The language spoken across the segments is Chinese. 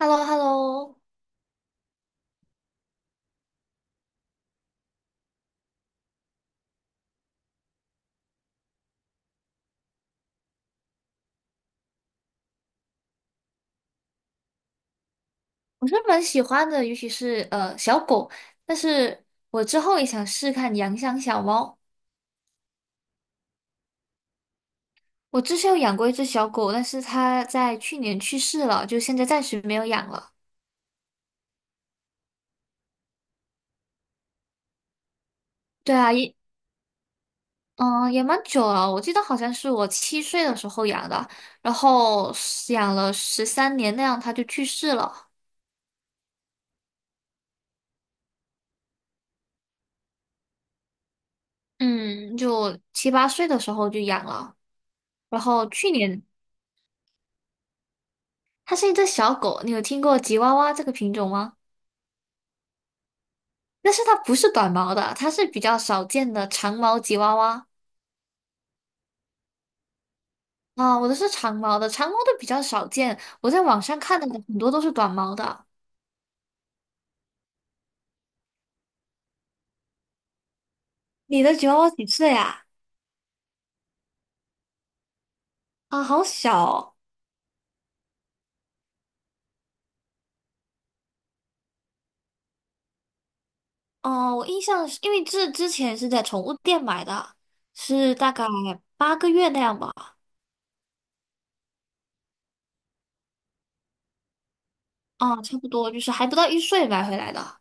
h e l l o h e l l o 我是蛮喜欢的，尤其是小狗，但是我之后也想试看养养小猫。我之前有养过一只小狗，但是它在去年去世了，就现在暂时没有养了。对啊，也嗯也蛮久了，我记得好像是我七岁的时候养的，然后养了13年那样，它就去世了。嗯，就七八岁的时候就养了，然后去年它是一只小狗，你有听过吉娃娃这个品种吗？但是它不是短毛的，它是比较少见的长毛吉娃娃啊。我的是长毛的，长毛的比较少见。我在网上看的很多都是短毛的。你的吉娃娃几岁啊？啊，好小哦！哦，我印象是因为这之前是在宠物店买的，是大概8个月那样吧。啊，差不多就是还不到一岁买回来的，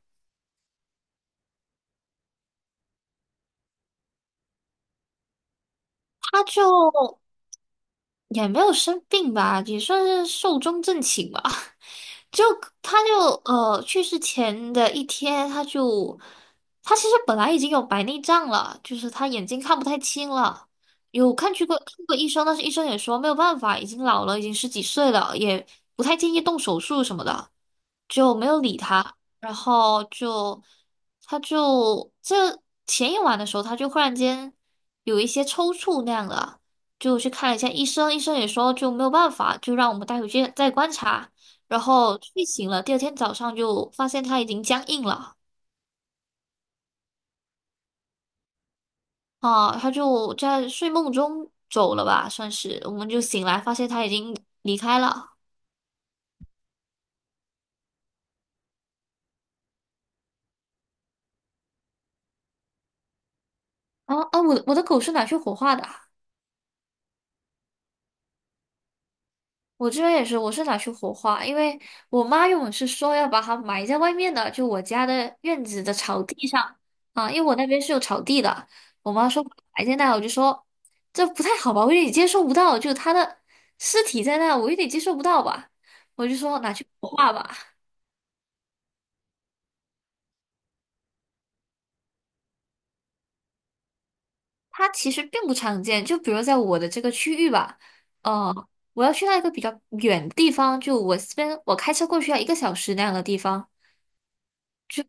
它就也没有生病吧，也算是寿终正寝吧。就他就去世前的一天，他其实本来已经有白内障了，就是他眼睛看不太清了，去过看过医生，但是医生也说没有办法，已经老了，已经十几岁了，也不太建议动手术什么的，就没有理他。然后就这前一晚的时候，他就忽然间有一些抽搐那样的。就去看了一下医生，医生也说就没有办法，就让我们带回去再观察。然后睡醒了，第二天早上就发现它已经僵硬了啊，他就在睡梦中走了吧，算是，我们就醒来发现他已经离开了。啊啊，我的狗是拿去火化的啊我这边也是，我是拿去火化，因为我妈原本是说要把它埋在外面的，就我家的院子的草地上啊，因为我那边是有草地的，我妈说埋在那，我就说这不太好吧，我有点接受不到，就它的尸体在那，我有点接受不到吧。我就说拿去火化吧。它其实并不常见，就比如在我的这个区域吧，呃，我要去到一个比较远的地方，就我这边我开车过去要1个小时那样的地方，就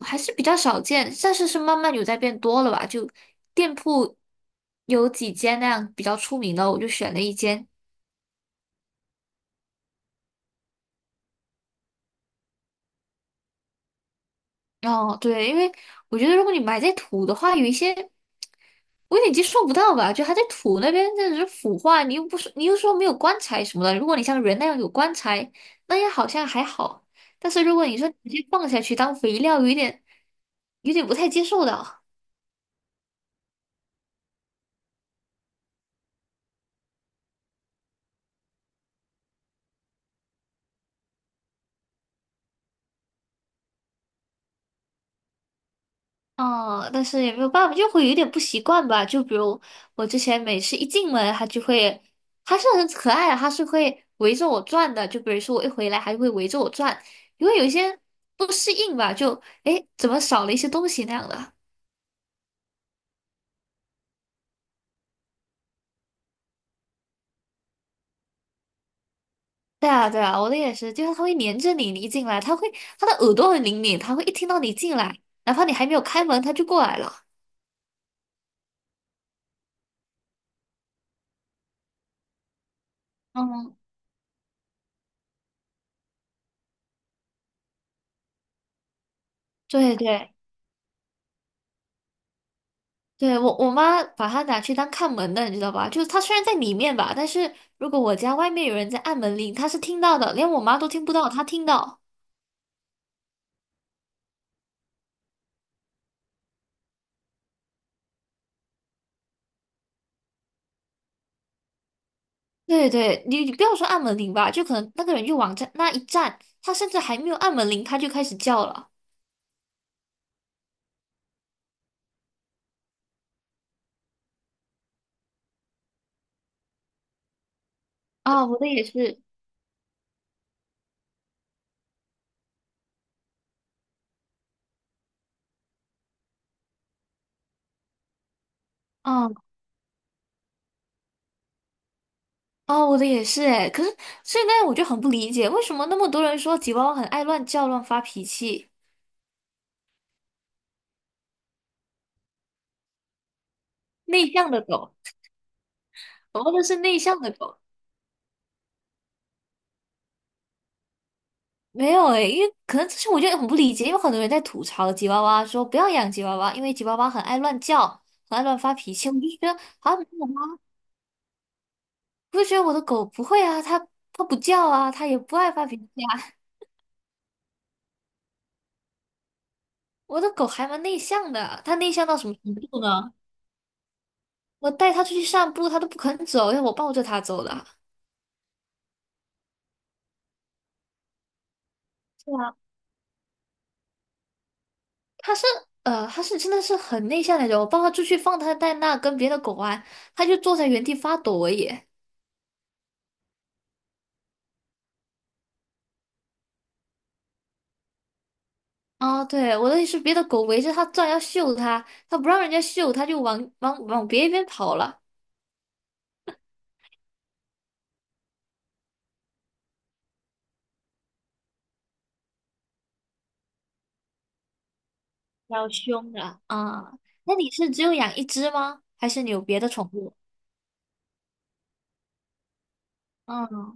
还是比较少见，但是是慢慢有在变多了吧，就店铺有几间那样比较出名的，我就选了一间。哦，对，因为我觉得如果你买在土的话，有一些。我有点接受不到吧？就还在土那边，那只是腐化，你又不是，你又说没有棺材什么的。如果你像人那样有棺材，那也好像还好。但是如果你说直接放下去当肥料，有点不太接受的。哦，但是也没有办法，就会有点不习惯吧。就比如我之前每次一进门，它就会，它是很可爱的，它是会围着我转的。就比如说我一回来，还会围着我转，因为有一些不适应吧，就诶，怎么少了一些东西那样的。对啊，对啊，我的也是，就是它会黏着你，你一进来，它会，它的耳朵很灵敏，它会一听到你进来，哪怕你还没有开门，它就过来了。嗯，对对对，我妈把它拿去当看门的，你知道吧？就是它虽然在里面吧，但是如果我家外面有人在按门铃，它是听到的，连我妈都听不到，它听到。对对，你不要说按门铃吧，就可能那个人就往这那一站，它甚至还没有按门铃，它就开始叫了。啊，我的也是，哦，我的也是哎，可是现在我就很不理解，为什么那么多人说吉娃娃很爱乱叫、乱发脾气，内向的狗，我们都是内向的狗。没有诶，因为可能这是我就很不理解，因为很多人在吐槽吉娃娃，说不要养吉娃娃，因为吉娃娃很爱乱叫，很爱乱发脾气。我就觉得啊，没有啊，我就觉得我的狗不会啊，它不叫啊，它也不爱发脾气啊。我的狗还蛮内向的，它内向到什么程度呢？我带它出去散步，它都不肯走，要我抱着它走的啊。它是它是真的是很内向那种。我抱它出去放它在那跟别的狗玩，它就坐在原地发抖而已。啊，对，我的意思是别的狗围着它转要嗅它，它不让人家嗅，它就往别一边跑了，比较凶的啊。那你是只有养一只吗？还是你有别的宠物？嗯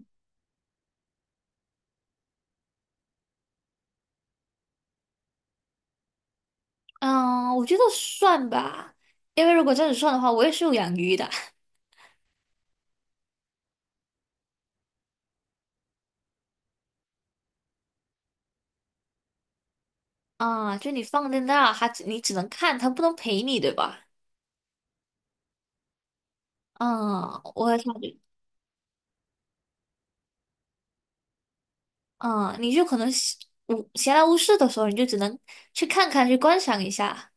嗯，我觉得算吧，因为如果这样子算的话，我也是有养鱼的啊。就你放在那，你只能看，它不能陪你，对吧？嗯，我想。嗯，你就可能闲无闲来无事的时候，你就只能去看看，去观赏一下。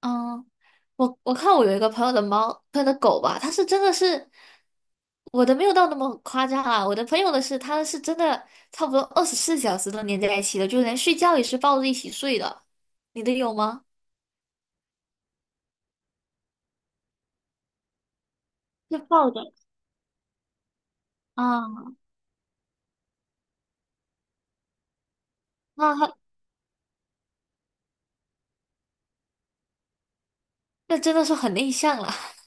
嗯，我看我有一个朋友的猫，他的狗吧，它是真的是我的没有到那么夸张啊，我的朋友的是，它是真的差不多24小时都黏在一起的，就连睡觉也是抱着一起睡的。你的有吗？就抱着啊，那他那真的是很内向了。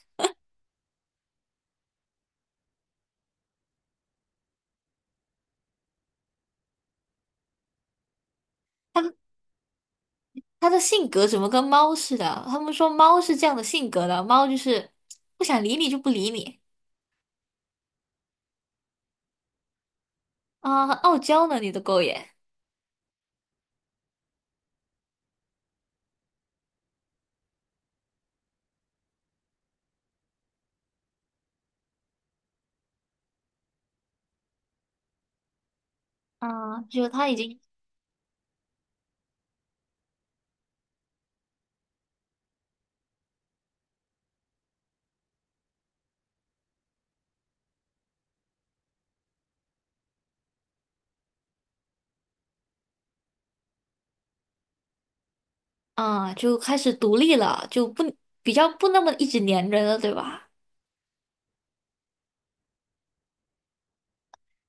他的性格怎么跟猫似的？他们说猫是这样的性格的，猫就是不想理你就不理你。啊，很傲娇呢，你的狗也，啊，就它已经啊，就开始独立了，就不比较不那么一直粘人了，对吧？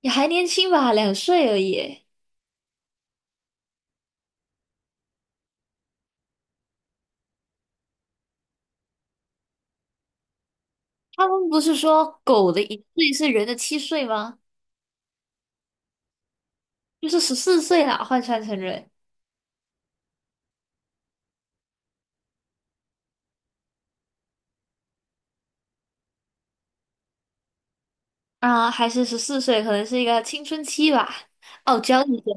也还年轻吧，两岁而已。他们不是说狗的一岁是人的七岁吗？就是十四岁啦，换算成人啊，还是十四岁，可能是一个青春期吧，傲娇一点。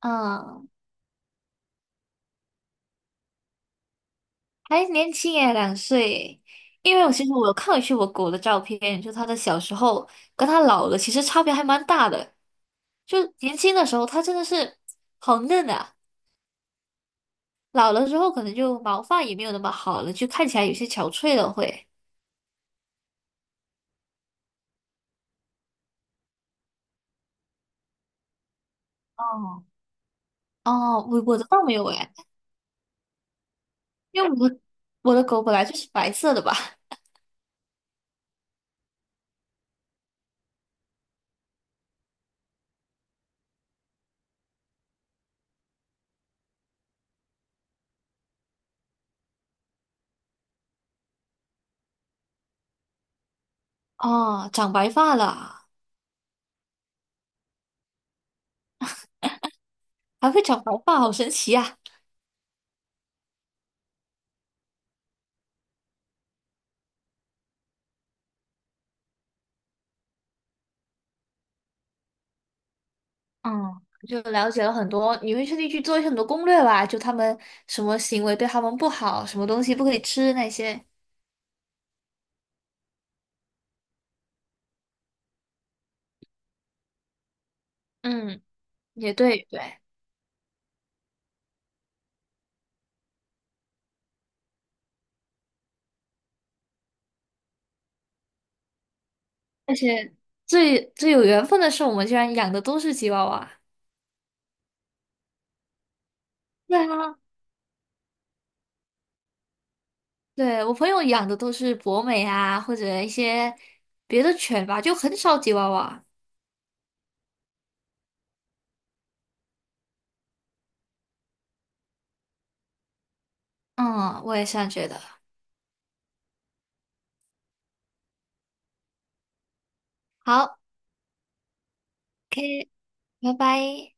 嗯还年轻耶，两岁耶因为我其实有看回去我狗的照片，就它的小时候跟它老了，其实差别还蛮大的。就年轻的时候，它真的是好嫩啊，老了之后可能就毛发也没有那么好了，就看起来有些憔悴了会。哦哦，我的倒没有哎，因为我的狗本来就是白色的吧？哦，长白发了，还会长白发，好神奇啊！嗯，就了解了很多，你会特地去做一些很多攻略吧？就他们什么行为对他们不好，什么东西不可以吃那些。嗯，也对对，而且最最有缘分的是，我们居然养的都是吉娃娃。对啊，对，我朋友养的都是博美啊，或者一些别的犬吧，就很少吉娃娃。嗯，我也是这样觉得。好，拜拜。